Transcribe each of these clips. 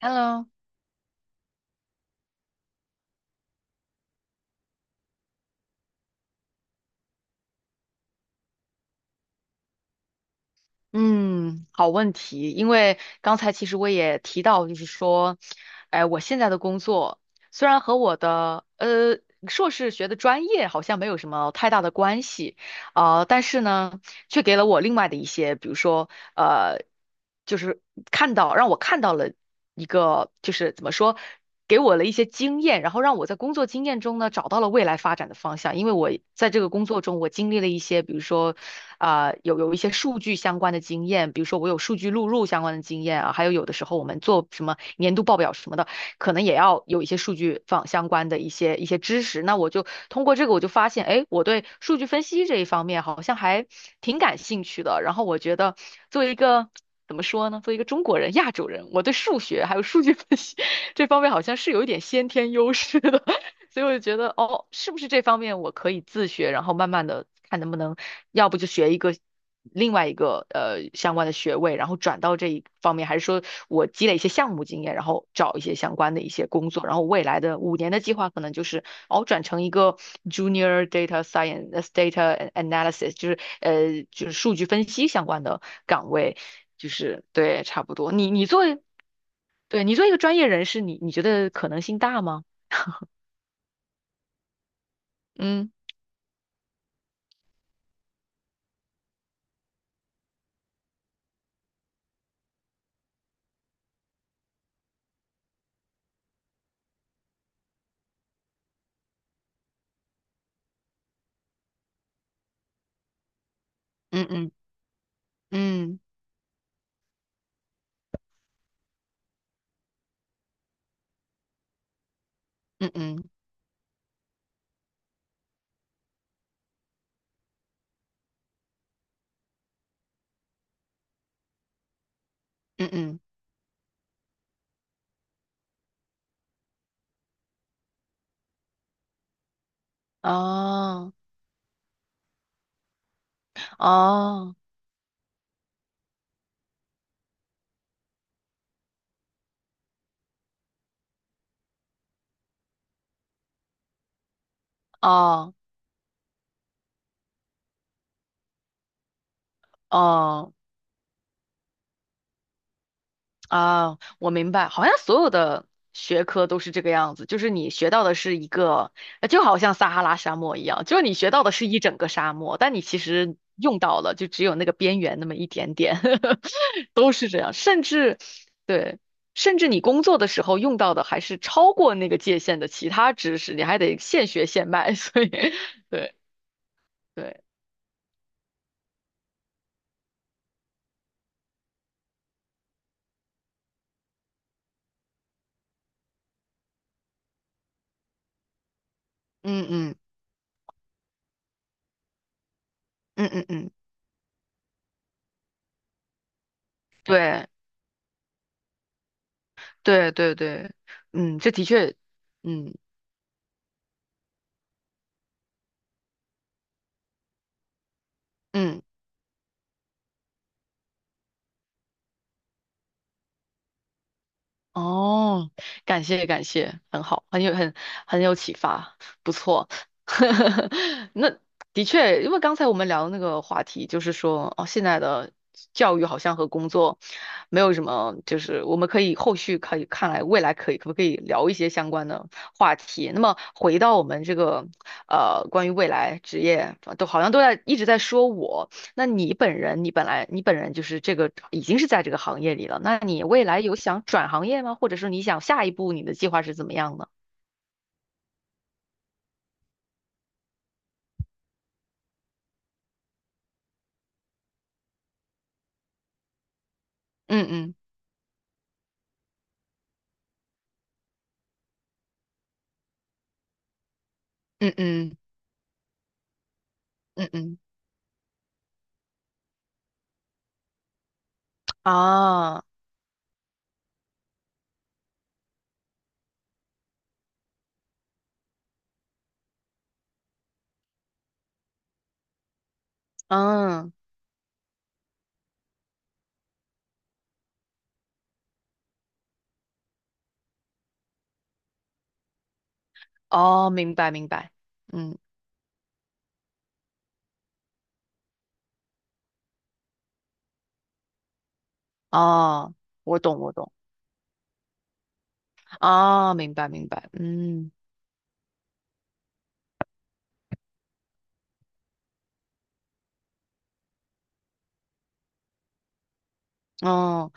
Hello，嗯，好问题，因为刚才其实我也提到，就是说，哎，我现在的工作虽然和我的硕士学的专业好像没有什么太大的关系，啊、但是呢，却给了我另外的一些，比如说，呃，就是让我看到了一个，就是怎么说，给我了一些经验，然后让我在工作经验中呢找到了未来发展的方向，因为我在这个工作中，我经历了一些，比如说。啊、有一些数据相关的经验，比如说我有数据录入相关的经验啊，还有有的时候我们做什么年度报表什么的，可能也要有一些数据方相关的一些知识。那我就通过这个，我就发现，哎，我对数据分析这一方面好像还挺感兴趣的。然后我觉得作为一个作为一个中国人、亚洲人，我对数学还有数据分析 这方面好像是有一点先天优势的。所以我就觉得，哦，是不是这方面我可以自学，然后慢慢的看能不能，要不就学一个另外一个相关的学位，然后转到这一方面，还是说我积累一些项目经验，然后找一些相关的一些工作，然后未来的5年的计划可能就是，哦，转成一个 junior data science data analysis，就是数据分析相关的岗位，就是对，差不多。你你作为，对，你作为一个专业人士，你觉得可能性大吗？嗯嗯嗯。嗯嗯嗯嗯嗯。哦哦哦哦哦。我明白，好像所有的学科都是这个样子，就是你学到的是一个，就好像撒哈拉沙漠一样，就是你学到的是一整个沙漠，但你其实用到了就只有那个边缘那么一点点，都是这样，甚至对。甚至你工作的时候用到的还是超过那个界限的其他知识，你还得现学现卖，所以 对对。嗯嗯。嗯嗯嗯。对对对对。嗯，这的确。嗯嗯。哦。感谢感谢，很好，很有启发，不错。那的确，因为刚才我们聊的那个话题，就是说，哦，现在的教育好像和工作没有什么，就是我们可以后续可以看来未来可以可不可以聊一些相关的话题。那么回到我们这个关于未来职业，都好像都在一直在说我。那你本人，你本人就是这个已经是在这个行业里了，那你未来有想转行业吗？或者说你想下一步你的计划是怎么样的？嗯嗯嗯嗯嗯嗯。啊。嗯。哦。明白明白，嗯。哦，我懂我懂。啊，明白明白。嗯。哦。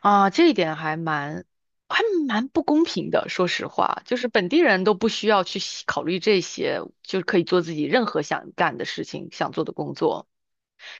啊，这一点还蛮不公平的。说实话，就是本地人都不需要去细考虑这些，就可以做自己任何想干的事情、想做的工作。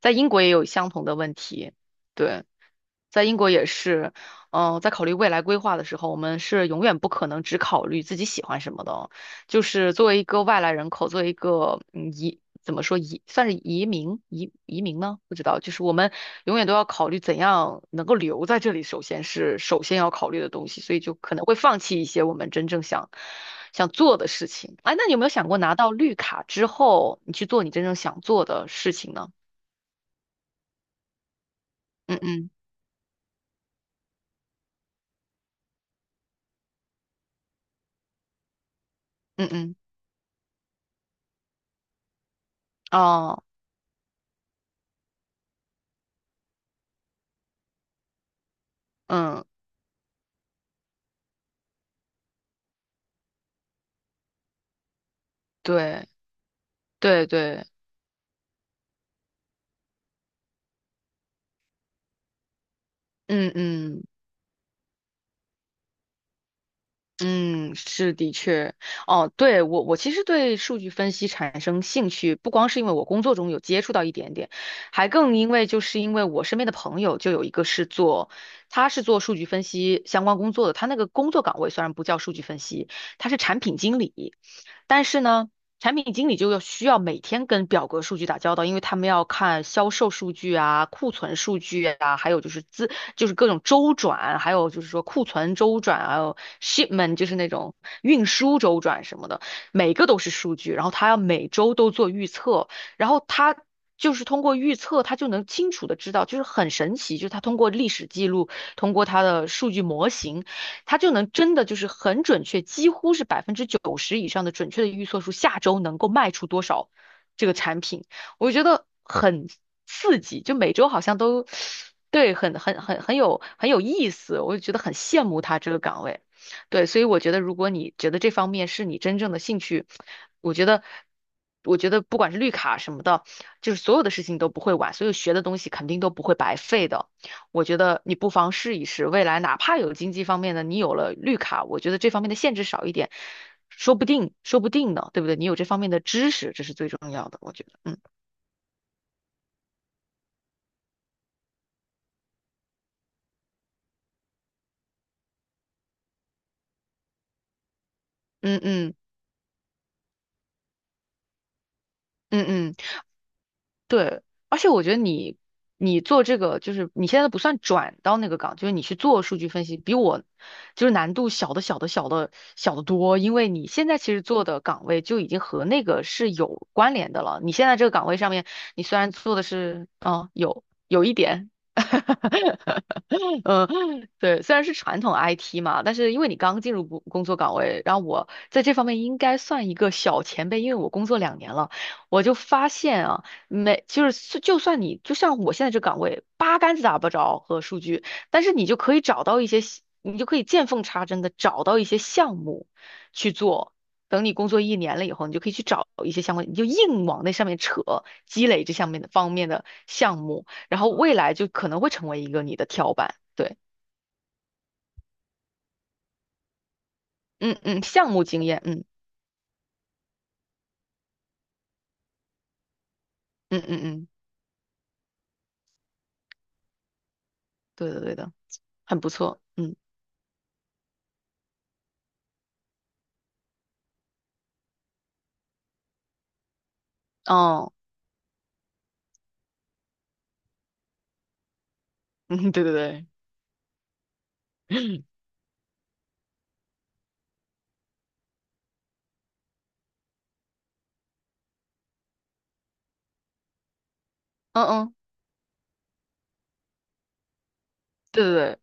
在英国也有相同的问题，对。在英国也是。在考虑未来规划的时候，我们是永远不可能只考虑自己喜欢什么的哦。就是作为一个外来人口，作为一个移，怎么说移，算是移民移民呢？不知道，就是我们永远都要考虑怎样能够留在这里，首先是首先要考虑的东西，所以就可能会放弃一些我们真正想做的事情。哎，那你有没有想过拿到绿卡之后，你去做你真正想做的事情呢？嗯嗯嗯嗯。哦。嗯。对。对对。嗯嗯嗯。是的确。哦，对，我其实对数据分析产生兴趣，不光是因为我工作中有接触到一点点，还更因为因为我身边的朋友就有一个是做，他是做数据分析相关工作的，他那个工作岗位虽然不叫数据分析，他是产品经理，但是呢，产品经理需要每天跟表格数据打交道，因为他们要看销售数据啊、库存数据啊，还有就是资，就是各种周转，还有就是说库存周转，还有 shipment，就是那种运输周转什么的，每个都是数据。然后他要每周都做预测，然后他。就是通过预测，他就能清楚的知道，就是很神奇，就是他通过历史记录，通过他的数据模型。他就能真的就是很准确，几乎是90%以上的准确的预测出下周能够卖出多少这个产品，我觉得很刺激，就每周好像都对，很有意思，我就觉得很羡慕他这个岗位。对，所以我觉得，如果你觉得这方面是你真正的兴趣，我觉得，我觉得不管是绿卡什么的，就是所有的事情都不会晚，所有学的东西肯定都不会白费的。我觉得你不妨试一试，未来哪怕有经济方面的，你有了绿卡，我觉得这方面的限制少一点，说不定，说不定呢，对不对？你有这方面的知识，这是最重要的，我觉得。嗯嗯嗯嗯嗯。对，而且我觉得你做这个，就是你现在不算转到那个岗，就是你去做数据分析，比我就是难度小得多，因为你现在其实做的岗位就已经和那个是有关联的了。你现在这个岗位上面，你虽然做的是，有一点。嗯，对，虽然是传统 IT 嘛，但是因为你刚进入工作岗位，然后我在这方面应该算一个小前辈，因为我工作2年了，我就发现啊，没，就是就算你就像我现在这岗位，八竿子打不着和数据，但是你就可以找到一些你就可以见缝插针的找到一些项目去做。等你工作1年了以后，你就可以去找一些相关，你就硬往那上面扯，积累这上面的方面的项目。然后未来就可能会成为一个你的跳板。对，嗯嗯。项目经验。嗯嗯嗯嗯。对的对的，很不错。嗯。哦。嗯，对对对。嗯嗯，对对对。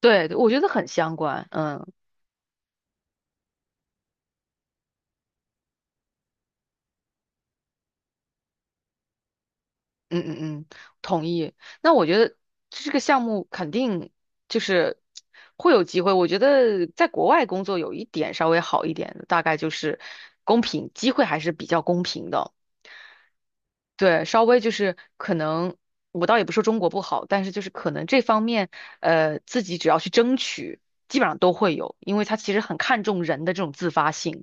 对，我觉得很相关。嗯嗯嗯嗯。同意。那我觉得这个项目肯定就是会有机会。我觉得在国外工作有一点稍微好一点的，大概就是公平，机会还是比较公平的。对，稍微就是可能，我倒也不说中国不好，但是就是可能这方面，自己只要去争取，基本上都会有，因为他其实很看重人的这种自发性，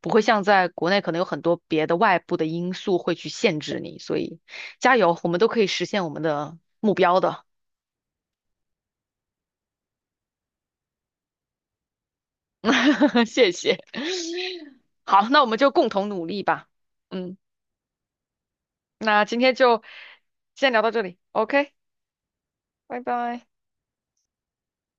不会像在国内可能有很多别的外部的因素会去限制你，所以加油，我们都可以实现我们的目标的，谢谢。好，那我们就共同努力吧。嗯，那今天就先聊到这里，OK，拜拜。